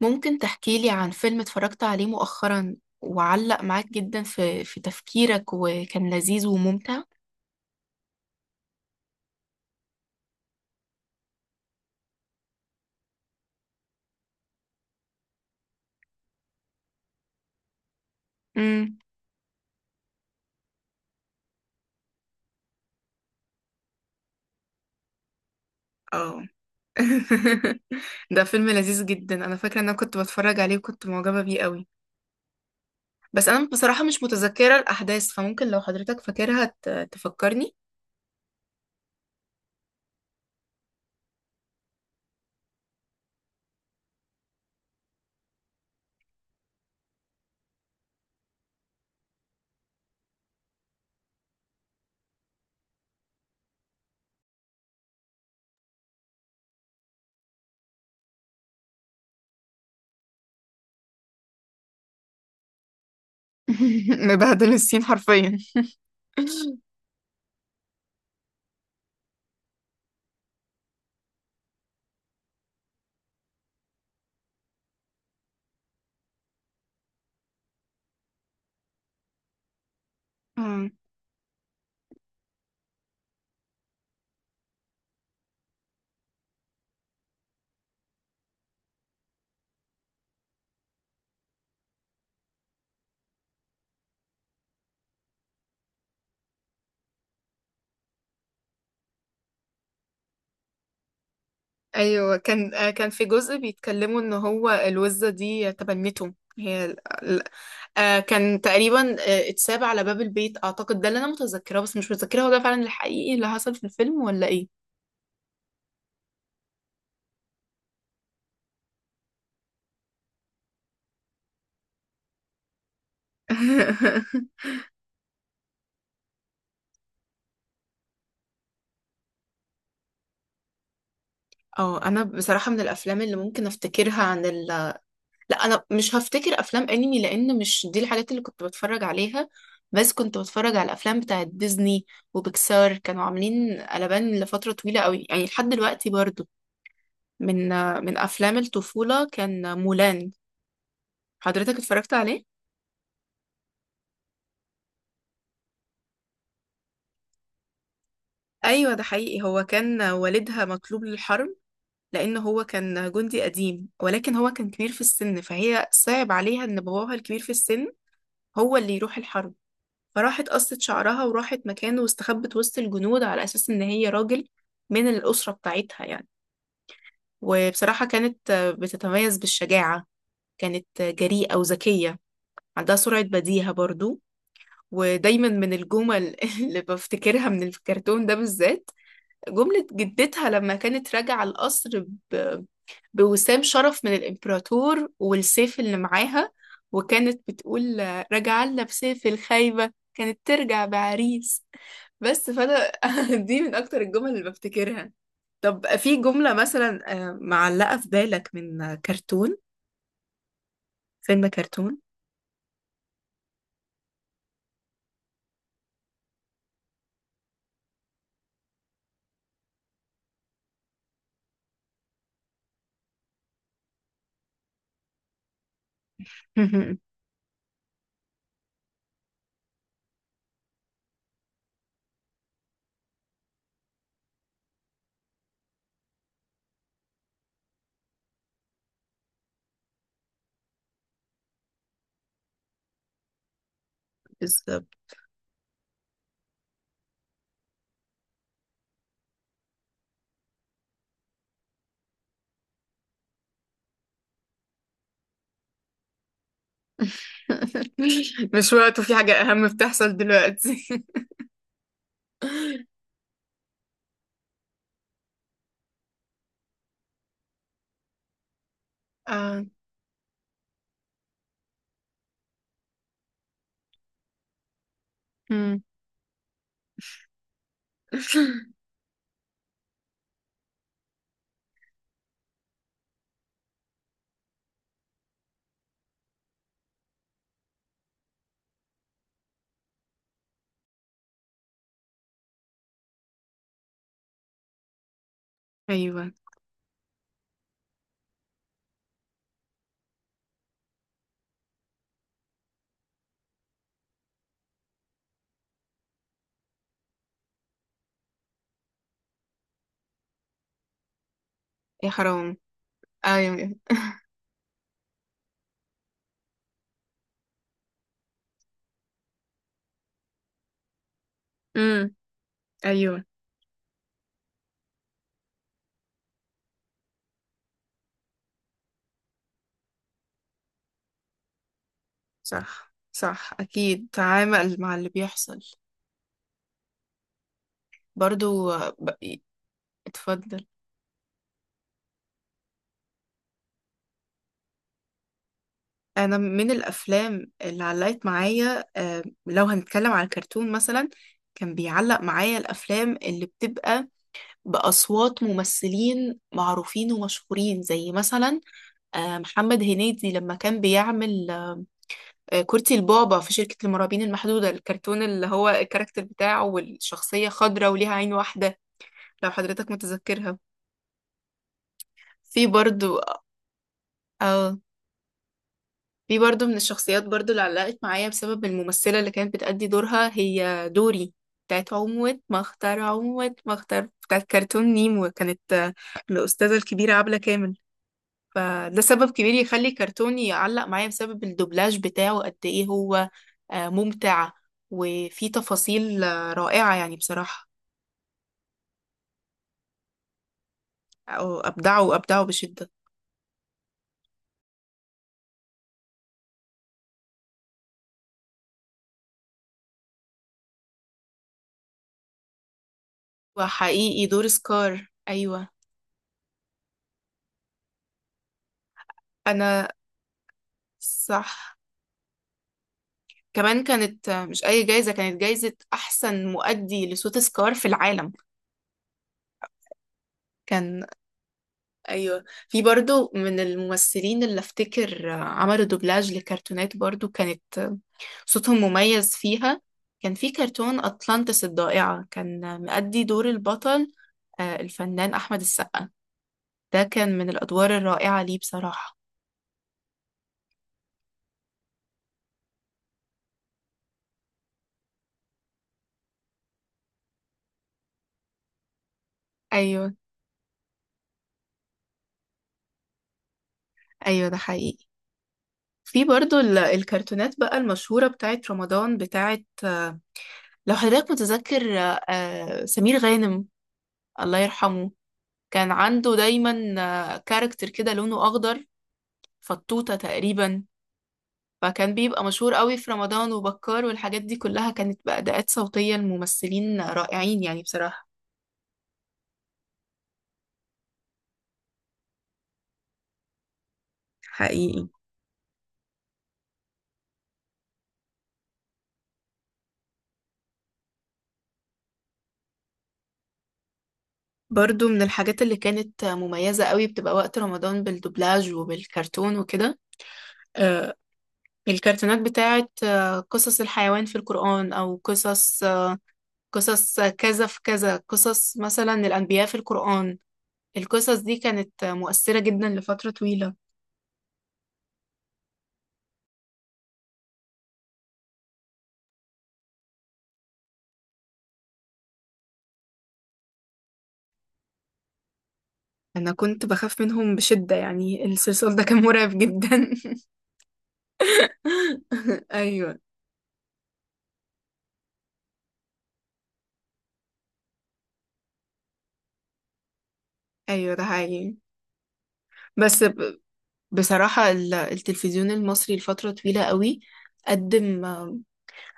ممكن تحكيلي عن فيلم اتفرجت عليه مؤخرا وعلق معاك جدا في تفكيرك وكان لذيذ وممتع. امم اه. ده فيلم لذيذ جدا، انا فاكره ان انا كنت بتفرج عليه وكنت معجبه بيه قوي. بس انا بصراحه مش متذكره الاحداث، فممكن لو حضرتك فاكرها تفكرني. مبهدل السين حرفيا. آه. ايوه كان، كان في جزء بيتكلموا ان هو الوزه دي تبنته هي. آه كان تقريبا اتساب على باب البيت، اعتقد ده اللي انا متذكراه، بس مش متذكره هو ده فعلا الحقيقي اللي حصل في الفيلم ولا ايه. اه انا بصراحه من الافلام اللي ممكن افتكرها عن لا، انا مش هفتكر افلام انمي، لان مش دي الحاجات اللي كنت بتفرج عليها. بس كنت بتفرج على الافلام بتاعت ديزني وبيكسار، كانوا عاملين قلبان لفتره طويله قوي، يعني لحد دلوقتي برضو. من من افلام الطفوله كان مولان. حضرتك اتفرجت عليه؟ ايوه ده حقيقي، هو كان والدها مطلوب للحرب. لأن هو كان جندي قديم ولكن هو كان كبير في السن، فهي صعب عليها إن باباها الكبير في السن هو اللي يروح الحرب. فراحت قصت شعرها وراحت مكانه واستخبت وسط الجنود على أساس إن هي راجل من الأسرة بتاعتها يعني. وبصراحة كانت بتتميز بالشجاعة، كانت جريئة وذكية، عندها سرعة بديهة برضو. ودايما من الجمل اللي بفتكرها من الكرتون ده بالذات، جملة جدتها لما كانت راجعة القصر بوسام شرف من الإمبراطور والسيف اللي معاها، وكانت بتقول راجعة لنا بسيف الخايبة، كانت ترجع بعريس بس. فأنا دي من أكتر الجمل اللي بفتكرها. طب في جملة مثلا معلقة في بالك من كرتون، فيلم كرتون؟ بالظبط. مش وقت وفي حاجة أهم بتحصل دلوقتي. آه. مم. أيوه. يا حرام. أيوه. مم. أيوه. صح صح أكيد، تعامل مع اللي بيحصل. برضو اتفضل. أنا من الأفلام اللي علقت معايا، لو هنتكلم على الكرتون مثلا، كان بيعلق معايا الأفلام اللي بتبقى بأصوات ممثلين معروفين ومشهورين، زي مثلا محمد هنيدي لما كان بيعمل كورتي البابا في شركة المرعبين المحدودة، الكرتون اللي هو الكاركتر بتاعه والشخصية خضراء وليها عين واحدة، لو حضرتك متذكرها. في برضو اه، دي برضو من الشخصيات برضو اللي علقت معايا بسبب الممثلة اللي كانت بتأدي دورها، هي دوري بتاعت عموة مختار. عموة مختار بتاعت كرتون نيمو كانت الأستاذة الكبيرة عبلة كامل. فده سبب كبير يخلي كرتوني يعلق معايا، بسبب الدوبلاج بتاعه قد ايه هو ممتع وفيه تفاصيل رائعة يعني بصراحة. أو- أبدعه، أبدعه بشدة. وحقيقي دور سكار، أيوة. أنا صح. كمان كانت مش أي جايزة، كانت جايزة أحسن مؤدي لصوت سكار في العالم. كان أيوة، في برضو من الممثلين اللي أفتكر عملوا دوبلاج لكرتونات برضو كانت صوتهم مميز فيها. كان في كرتون أطلانتس الضائعة، كان مؤدي دور البطل الفنان أحمد السقا. ده كان من الأدوار الرائعة ليه بصراحة. أيوة. أيوة ده حقيقي. في برضو الكرتونات بقى المشهورة بتاعت رمضان، بتاعت، لو حضرتك متذكر، سمير غانم، الله يرحمه. كان عنده دايما كاركتر كده لونه أخضر، فطوطة تقريبا. فكان بيبقى مشهور قوي في رمضان، وبكار، والحاجات دي كلها، كانت بأداءات صوتية الممثلين رائعين يعني بصراحة. حقيقي برضو من الحاجات اللي كانت مميزة قوي بتبقى وقت رمضان بالدوبلاج وبالكرتون وكده، آه، الكرتونات بتاعت قصص الحيوان في القرآن، أو قصص كذا في كذا، قصص مثلا الأنبياء في القرآن. القصص دي كانت مؤثرة جدا لفترة طويلة. أنا كنت بخاف منهم بشدة يعني، الصلصال ده كان مرعب جدا. أيوه. أيوه ده حقيقي. بس ب- بصراحة التلفزيون المصري لفترة طويلة قوي قدم،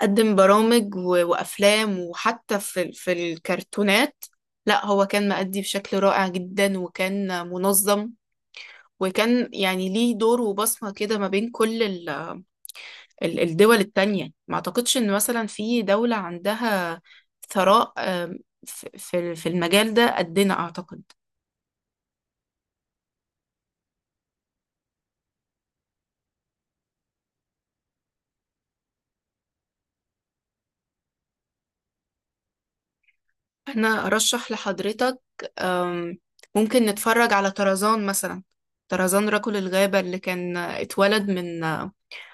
قدم برامج وأفلام، وحتى في في الكرتونات، لا هو كان مأدي بشكل رائع جدا وكان منظم، وكان يعني ليه دور وبصمة كده ما بين كل الدول التانية. ما أعتقدش إن مثلا في دولة عندها ثراء في المجال ده قدنا أعتقد. أنا أرشح لحضرتك آم، ممكن نتفرج على طرزان مثلا، طرزان رجل الغابة، اللي كان اتولد من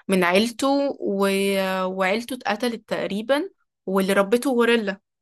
عيلته و... وعيلته اتقتلت تقريبا، واللي ربته غوريلا.